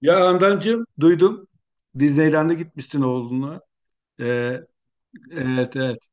Ya Handancığım duydum. Disneyland'e gitmişsin oğlunla. Ee, evet, evet.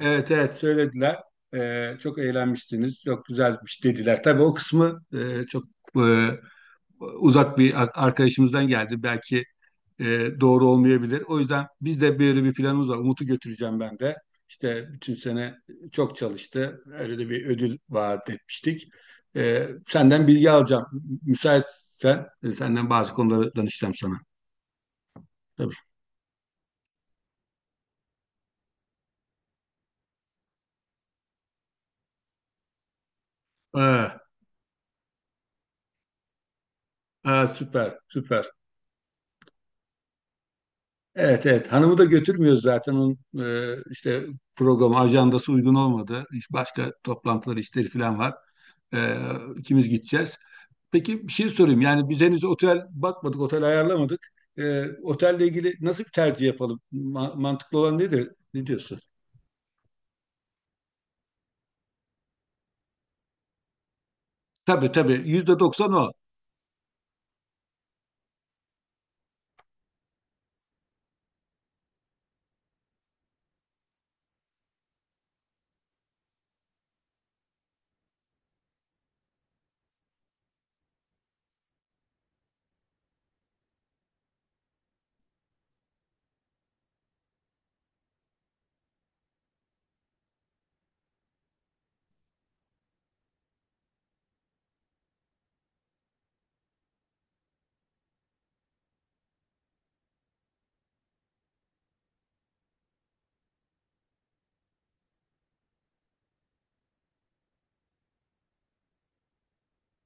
Evet, evet söylediler. Çok eğlenmişsiniz. Çok güzelmiş dediler. Tabii o kısmı çok e, uzak bir arkadaşımızdan geldi. Belki doğru olmayabilir. O yüzden biz de böyle bir planımız var. Umut'u götüreceğim ben de. İşte bütün sene çok çalıştı. Öyle de bir ödül vaat etmiştik. Senden bilgi alacağım. Müsaitsen senden bazı konuları danışacağım sana. Tabii. Ha, ha, süper, süper. Evet, evet. Hanımı da götürmüyoruz zaten. Onun işte programı, ajandası uygun olmadı. Başka toplantılar, işleri falan var. E, ikimiz gideceğiz. Peki bir şey sorayım. Yani biz henüz otel bakmadık, otel ayarlamadık. Otelle ilgili nasıl bir tercih yapalım? Mantıklı olan nedir? Ne diyorsun? Tabii, tabii. %90 o.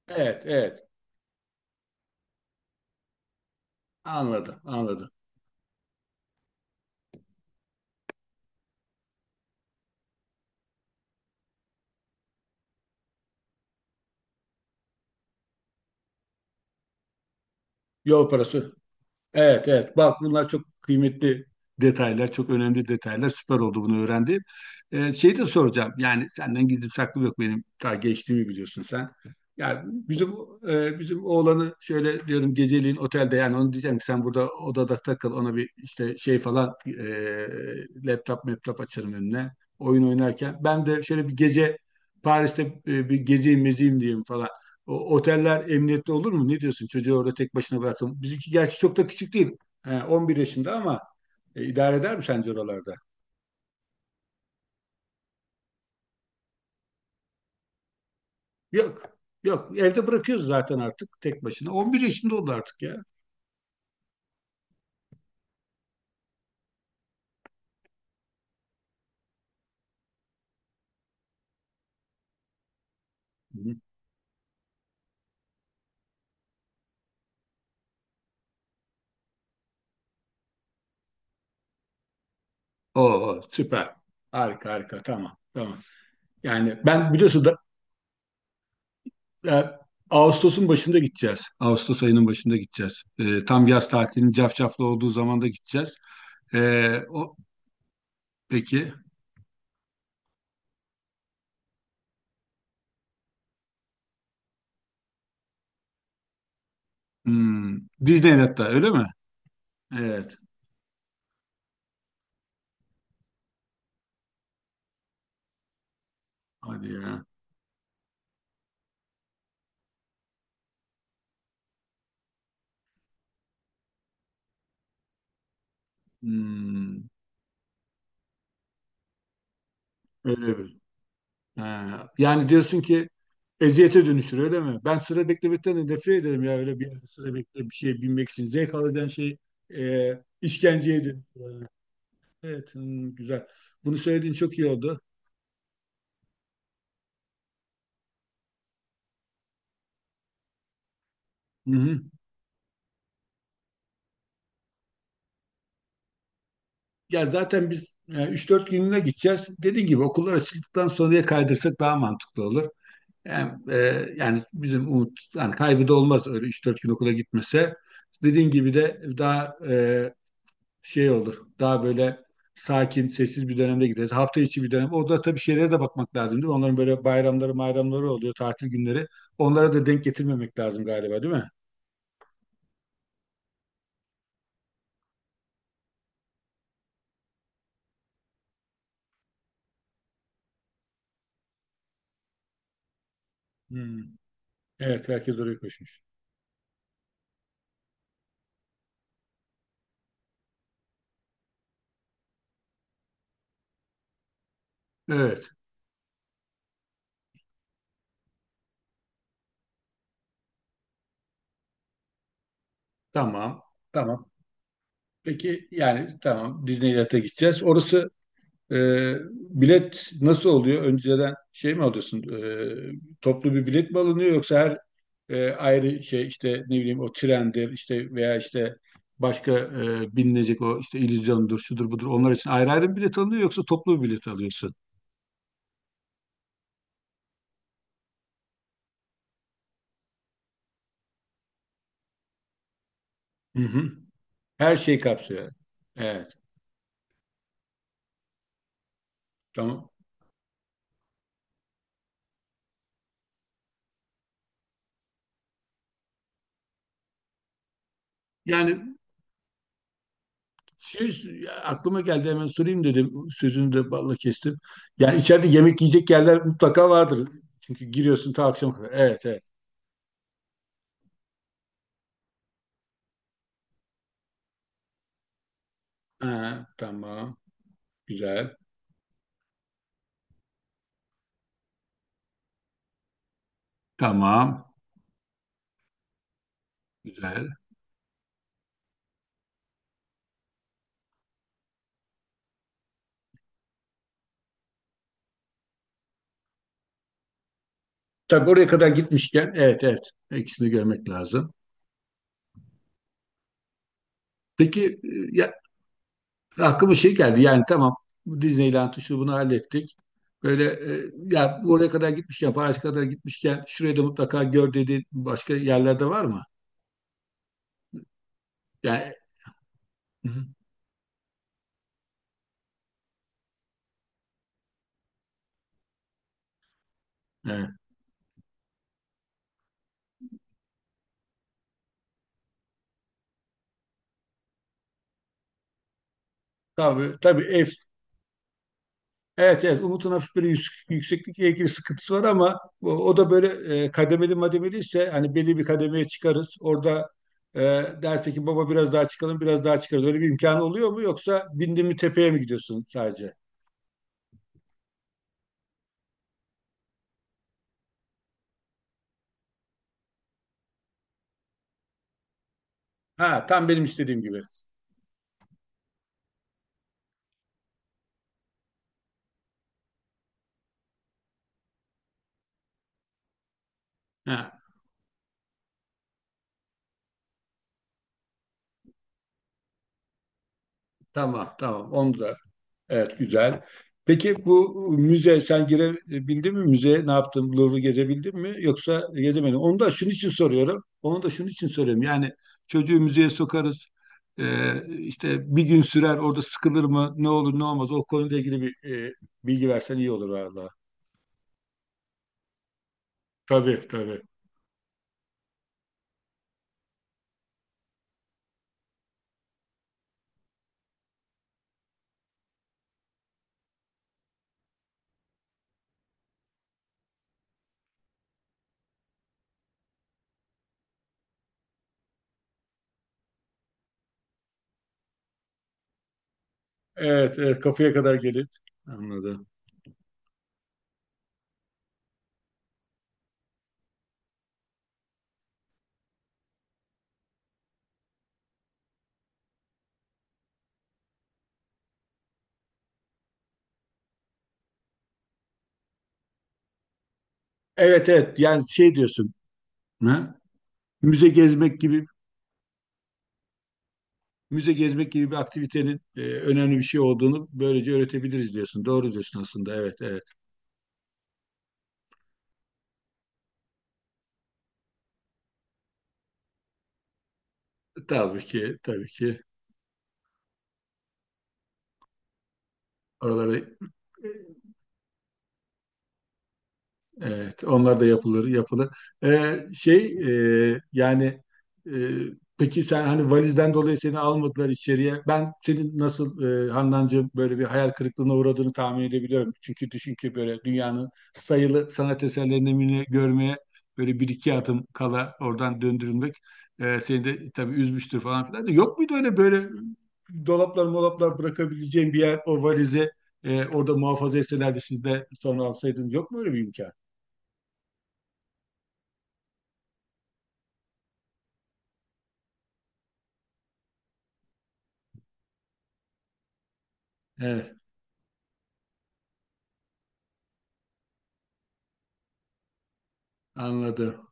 Evet, evet. Anladım, anladım. Yol parası. Evet, evet, bak, bunlar çok kıymetli detaylar, çok önemli detaylar, süper oldu bunu öğrendiğim. Şey de soracağım, yani senden gizli saklı yok, benim daha gençliğimi biliyorsun sen. Yani bizim bizim oğlanı şöyle diyorum, geceliğin otelde, yani onu diyeceğim ki sen burada odada takıl, ona bir işte şey falan, laptop açarım önüne, oyun oynarken ben de şöyle bir gece Paris'te bir gezeyim mezeyim diyeyim falan. Oteller emniyette olur mu? Ne diyorsun? Çocuğu orada tek başına bıraktım. Bizimki gerçi çok da küçük değil. He, 11 yaşında ama idare eder mi sence oralarda? Yok. Yok. Evde bırakıyoruz zaten artık tek başına. 11 yaşında oldu artık ya. Hı hı. Oo, süper. Harika, harika. Tamam. Tamam. Yani ben biliyorsun da, e, Ağustos'un başında gideceğiz. Ağustos ayının başında gideceğiz. Tam yaz tatilinin cafcaflı olduğu zaman da gideceğiz. E, o, peki. Hmm, Disneyland'da öyle mi? Evet. Hadi ya. Hmm, Öyle bir. Ha, yani diyorsun ki eziyete dönüşür öyle mi? Ben sıra beklemekten de nefret ederim ya, öyle bir yerde sıra bekle bir şeye binmek için. Zevk alacağın şey e, işkenceye dönüşür. Evet, güzel. Bunu söylediğin çok iyi oldu. Hı-hı. Ya zaten biz 3-4 günlüğüne gideceğiz. Dediğim gibi okullar açıldıktan sonraya kaydırsak daha mantıklı olur. Hem, yani bizim umut, yani kaybı da olmaz öyle 3-4 gün okula gitmese. Dediğin gibi de daha şey olur. Daha böyle sakin, sessiz bir dönemde gideriz. Hafta içi bir dönem. Orada tabii şeylere de bakmak lazım, değil mi? Onların böyle bayramları, bayramları oluyor, tatil günleri. Onlara da denk getirmemek lazım galiba, değil mi? Hmm. Evet, herkes oraya koşmuş. Evet, tamam. Tamam. Peki, yani tamam, Disneyland'e gideceğiz. Orası. Bilet nasıl oluyor? Önceden şey mi alıyorsun? Toplu bir bilet mi alınıyor, yoksa her ayrı şey, işte ne bileyim, o trendir işte, veya işte başka binilecek o, işte illüzyondur, şudur budur, onlar için ayrı ayrı mı bilet alınıyor, yoksa toplu bir bilet alıyorsun? Hı hı. Her şey kapsıyor, yani. Evet, tamam. Yani şey aklıma geldi, hemen sorayım dedim. Sözünü de balla kestim. Yani içeride yemek yiyecek yerler mutlaka vardır. Çünkü giriyorsun ta akşama kadar. Evet, evet. Ha, tamam. Güzel. Tamam. Güzel. Tabii oraya kadar gitmişken, evet, evet, ikisini görmek lazım. Peki ya, aklıma şey geldi, yani tamam, bu Disneyland'ı şu bunu hallettik. Böyle ya, oraya kadar gitmişken, Paris kadar gitmişken, şurayı da mutlaka gör dediğin başka yerlerde var mı? Yani. Hı hı. Evet. Tabii, tabii. Evet, evet, Umut'un hafif böyle yükseklikle ilgili sıkıntısı var, ama o da böyle kademeli mademeli ise hani belli bir kademeye çıkarız. Orada e, derse ki baba biraz daha çıkalım, biraz daha çıkarız. Öyle bir imkanı oluyor mu, yoksa bindin mi, tepeye mi gidiyorsun sadece? Ha, tam benim istediğim gibi. Ha, tamam, tamam, onu da. Evet, güzel. Peki bu müze, sen girebildin mi? Müzeye ne yaptın? Louvre'u gezebildin mi? Yoksa gezemedin. Onu da şunun için soruyorum. Onu da şunun için soruyorum. Yani çocuğu müzeye sokarız. İşte bir gün sürer orada, sıkılır mı? Ne olur ne olmaz? O konuyla ilgili bir bilgi versen iyi olur valla. Tabii, tabii. Evet, evet, kapıya kadar gelip. Anladım. Evet, evet, yani şey diyorsun. Ha? Müze gezmek gibi Müze gezmek gibi bir aktivitenin önemli bir şey olduğunu böylece öğretebiliriz diyorsun. Doğru diyorsun aslında. Evet, evet. Tabii ki, tabii ki. Oraları. Evet, onlar da yapılır, yapılır. Şey, yani, e, peki sen hani valizden dolayı seni almadılar içeriye. Ben senin nasıl, Handancığım, böyle bir hayal kırıklığına uğradığını tahmin edebiliyorum. Çünkü düşün ki böyle dünyanın sayılı sanat eserlerini mi görmeye böyle bir iki adım kala oradan döndürülmek seni de tabii üzmüştür falan filan. Da. Yok muydu öyle, böyle dolaplar molaplar bırakabileceğin bir yer, o valize orada muhafaza etselerdi, siz de sonra alsaydınız, yok mu öyle bir imkan? Evet, anladım.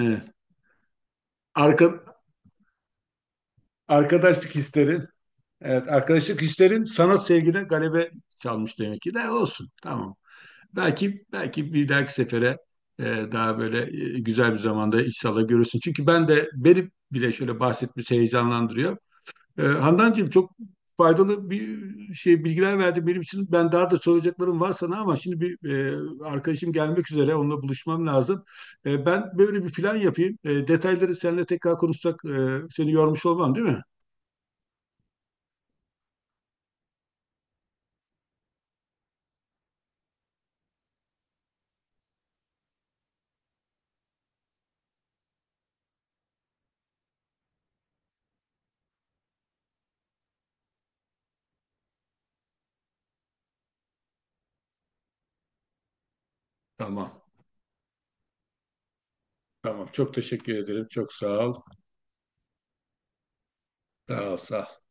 Evet. Arka, Arkadaşlık hislerin, evet, arkadaşlık hislerin sanat sevgine galebe çalmış demek ki, de olsun. Tamam. Belki, belki bir dahaki sefere e, daha böyle güzel bir zamanda inşallah görürsün. Çünkü ben de, beni bile şöyle bahsetmesi heyecanlandırıyor. Handancığım, çok faydalı bir şey bilgiler verdin benim için. Ben daha da soracaklarım var sana, ama şimdi bir arkadaşım gelmek üzere, onunla buluşmam lazım. Ben böyle bir plan yapayım. Detayları seninle tekrar konuşsak, seni yormuş olmam, değil mi? Tamam. Tamam. Çok teşekkür ederim. Çok sağ ol. Sağ ol. Sağ ol.